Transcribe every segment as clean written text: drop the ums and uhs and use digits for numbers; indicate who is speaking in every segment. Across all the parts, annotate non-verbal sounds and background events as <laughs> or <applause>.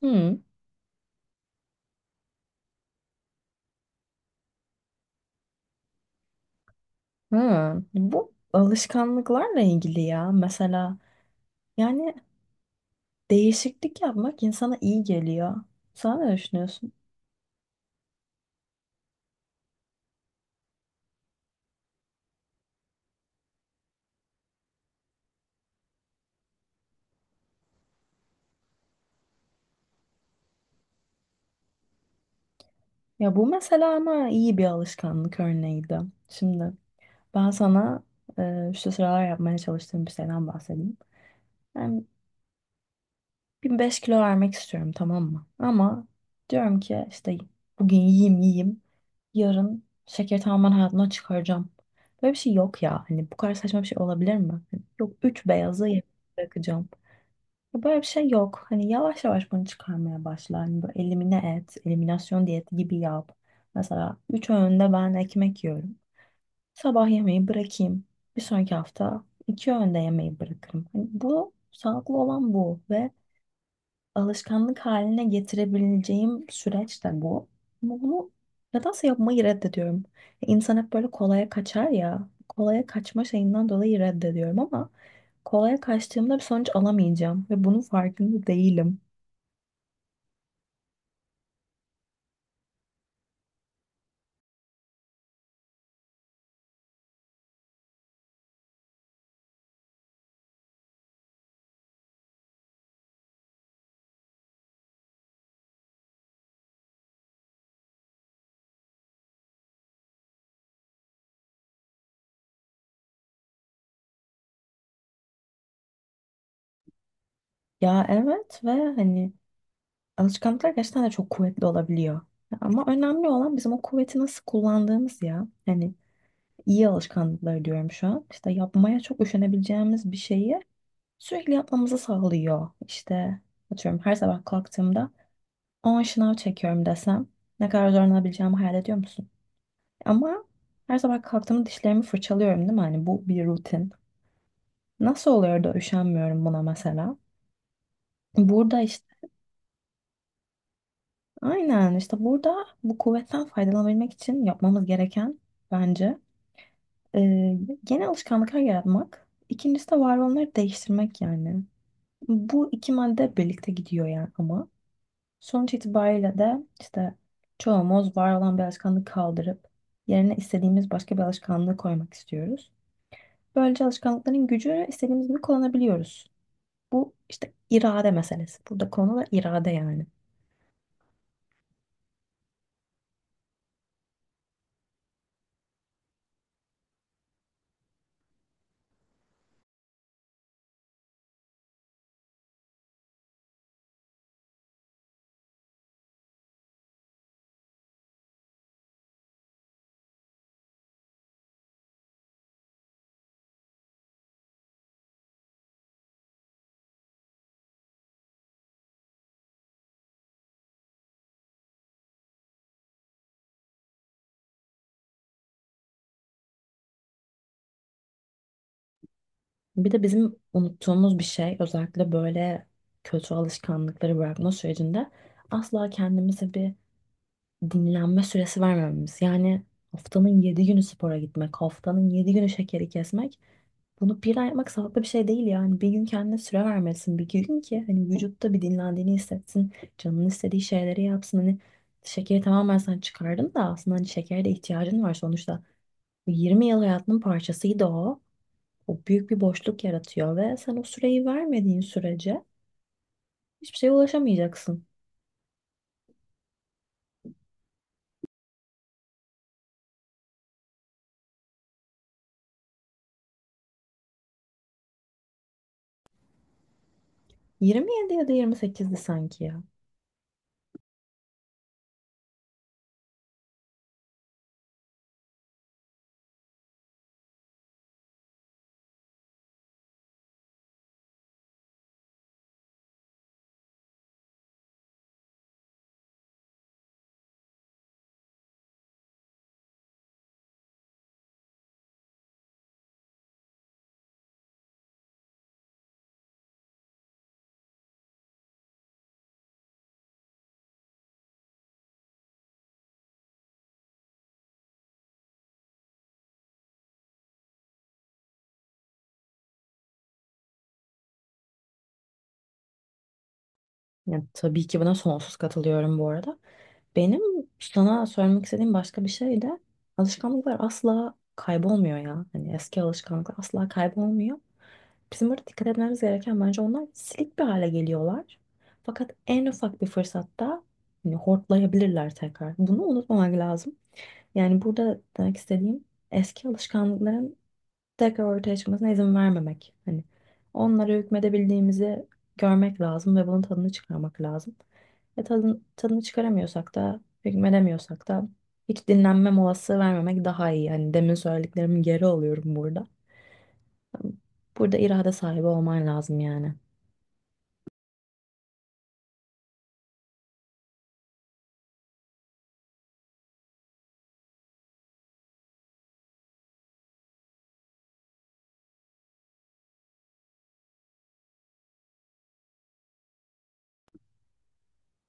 Speaker 1: Hmm. Ha. Bu alışkanlıklarla ilgili ya. Mesela yani değişiklik yapmak insana iyi geliyor. Sen ne düşünüyorsun? Ya bu mesela ama iyi bir alışkanlık örneğiydi. Şimdi ben sana şu sıralar yapmaya çalıştığım bir şeyden bahsedeyim. Yani 1005 kilo vermek istiyorum, tamam mı? Ama diyorum ki işte bugün yiyeyim yiyeyim. Yarın şekeri tamamen hayatımdan çıkaracağım. Böyle bir şey yok ya. Hani bu kadar saçma bir şey olabilir mi? Hani yok, 3 beyazı yarım bırakacağım. Ya böyle bir şey yok. Hani yavaş yavaş bunu çıkarmaya başla. Hani böyle eliminasyon diyeti gibi yap. Mesela 3 öğünde ben ekmek yiyorum. Sabah yemeği bırakayım. Bir sonraki hafta iki öğünde yemeği bırakırım. Hani bu sağlıklı olan bu ve alışkanlık haline getirebileceğim süreç de bu. Ama bunu nedense yapmayı reddediyorum. İnsan hep böyle kolaya kaçar ya. Kolaya kaçma şeyinden dolayı reddediyorum, ama kolaya kaçtığımda bir sonuç alamayacağım ve bunun farkında değilim. Ya evet, ve hani alışkanlıklar gerçekten de çok kuvvetli olabiliyor. Ama önemli olan bizim o kuvveti nasıl kullandığımız ya. Hani iyi alışkanlıklar diyorum şu an. İşte yapmaya çok üşenebileceğimiz bir şeyi sürekli yapmamızı sağlıyor. İşte atıyorum, her sabah kalktığımda 10 şınav çekiyorum desem ne kadar zorlanabileceğimi hayal ediyor musun? Ama her sabah kalktığımda dişlerimi fırçalıyorum değil mi? Hani bu bir rutin. Nasıl oluyor da üşenmiyorum buna mesela? Burada işte aynen işte burada bu kuvvetten faydalanabilmek için yapmamız gereken, bence, e, yeni alışkanlıklar yaratmak. İkincisi de var olanları değiştirmek yani. Bu iki madde birlikte gidiyor yani ama. Sonuç itibariyle de işte çoğumuz var olan bir alışkanlığı kaldırıp yerine istediğimiz başka bir alışkanlığı koymak istiyoruz. Böylece alışkanlıkların gücünü istediğimiz gibi kullanabiliyoruz. Bu işte irade meselesi. Burada konu da irade yani. Bir de bizim unuttuğumuz bir şey, özellikle böyle kötü alışkanlıkları bırakma sürecinde, asla kendimize bir dinlenme süresi vermememiz. Yani haftanın 7 günü spora gitmek, haftanın 7 günü şekeri kesmek, bunu bir ay yapmak sağlıklı bir şey değil yani. Bir gün kendine süre vermelisin. Bir gün ki hani vücutta bir dinlendiğini hissetsin. Canının istediği şeyleri yapsın. Hani şekeri tamamen sen çıkardın da aslında hani şekere de ihtiyacın var sonuçta. Bu 20 yıl hayatının parçasıydı o. O büyük bir boşluk yaratıyor ve sen o süreyi vermediğin sürece hiçbir şeye ulaşamayacaksın. 27 ya da 28'di sanki ya. Yani tabii ki buna sonsuz katılıyorum bu arada. Benim sana söylemek istediğim başka bir şey de, alışkanlıklar asla kaybolmuyor ya. Hani eski alışkanlıklar asla kaybolmuyor. Bizim burada dikkat etmemiz gereken, bence, onlar silik bir hale geliyorlar. Fakat en ufak bir fırsatta hani hortlayabilirler tekrar. Bunu unutmamak lazım. Yani burada demek istediğim, eski alışkanlıkların tekrar ortaya çıkmasına izin vermemek. Hani onlara hükmedebildiğimizi görmek lazım ve bunun tadını çıkarmak lazım. Tadını çıkaramıyorsak da, hükmedemiyorsak da, hiç dinlenme molası vermemek daha iyi. Hani demin söylediklerimin geri alıyorum burada. Burada irade sahibi olman lazım yani.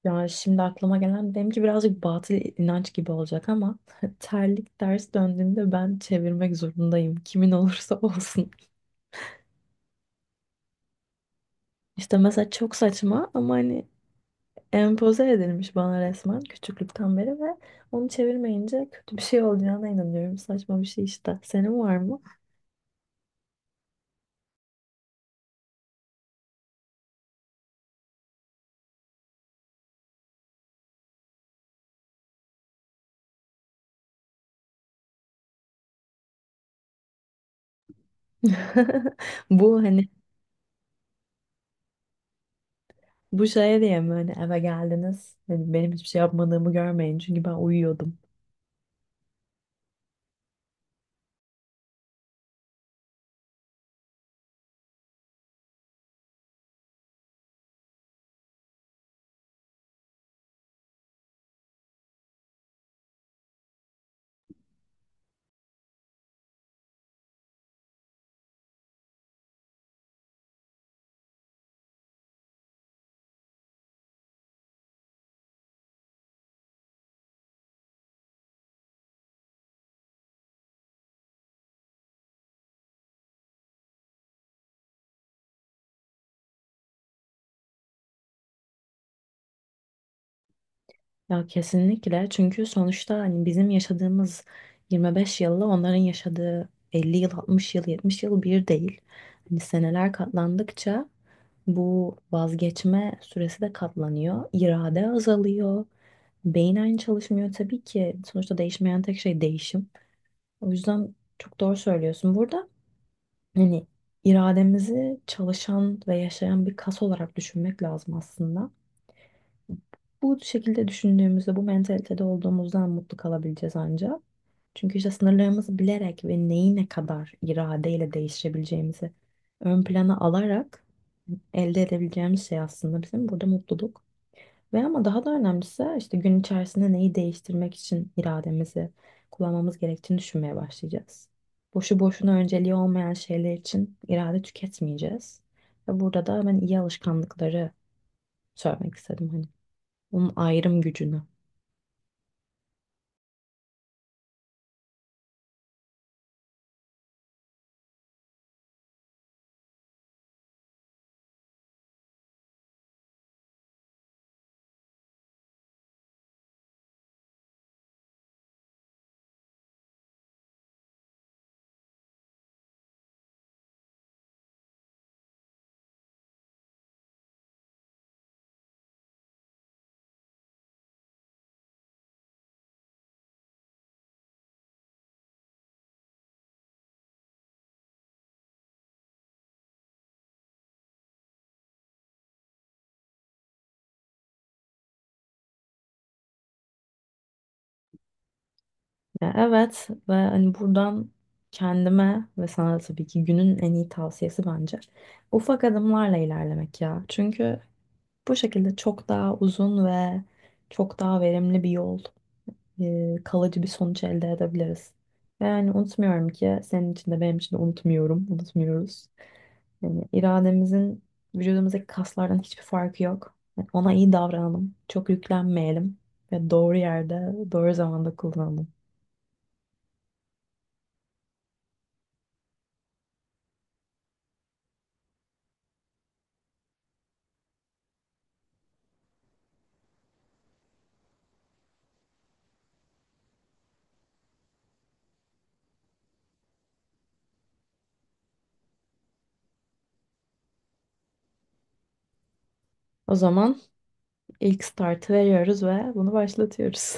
Speaker 1: Ya şimdi aklıma gelen benimki birazcık batıl inanç gibi olacak, ama <laughs> terlik ters döndüğünde ben çevirmek zorundayım. Kimin olursa <laughs> olsun. İşte mesela çok saçma, ama hani empoze edilmiş bana resmen küçüklükten beri, ve onu çevirmeyince kötü bir şey olacağına inanıyorum. Saçma bir şey işte. Senin var mı? <laughs> Bu hani, bu şeye diye mi hani eve geldiniz? Hani benim hiçbir şey yapmadığımı görmeyin çünkü ben uyuyordum. Ya kesinlikle, çünkü sonuçta hani bizim yaşadığımız 25 yılla onların yaşadığı 50 yıl, 60 yıl, 70 yıl bir değil. Hani seneler katlandıkça bu vazgeçme süresi de katlanıyor. İrade azalıyor. Beyin aynı çalışmıyor tabii ki. Sonuçta değişmeyen tek şey değişim. O yüzden çok doğru söylüyorsun. Burada hani irademizi çalışan ve yaşayan bir kas olarak düşünmek lazım aslında. Bu şekilde düşündüğümüzde, bu mentalitede olduğumuzdan mutlu kalabileceğiz ancak. Çünkü işte sınırlarımızı bilerek ve neyi ne kadar iradeyle değiştirebileceğimizi ön plana alarak elde edebileceğimiz şey aslında bizim burada mutluluk. Ve ama daha da önemlisi, işte gün içerisinde neyi değiştirmek için irademizi kullanmamız gerektiğini düşünmeye başlayacağız. Boşu boşuna önceliği olmayan şeyler için irade tüketmeyeceğiz. Ve burada da ben iyi alışkanlıkları söylemek istedim. Hani onun ayrım gücünü. Ya evet, ve hani buradan kendime ve sana da tabii ki günün en iyi tavsiyesi, bence, ufak adımlarla ilerlemek ya. Çünkü bu şekilde çok daha uzun ve çok daha verimli bir yol, kalıcı bir sonuç elde edebiliriz. Ve yani unutmuyorum ki senin için de benim için de unutmuyorum, unutmuyoruz. Yani irademizin vücudumuzdaki kaslardan hiçbir farkı yok. Yani ona iyi davranalım, çok yüklenmeyelim ve doğru yerde, doğru zamanda kullanalım. O zaman ilk startı veriyoruz ve bunu başlatıyoruz.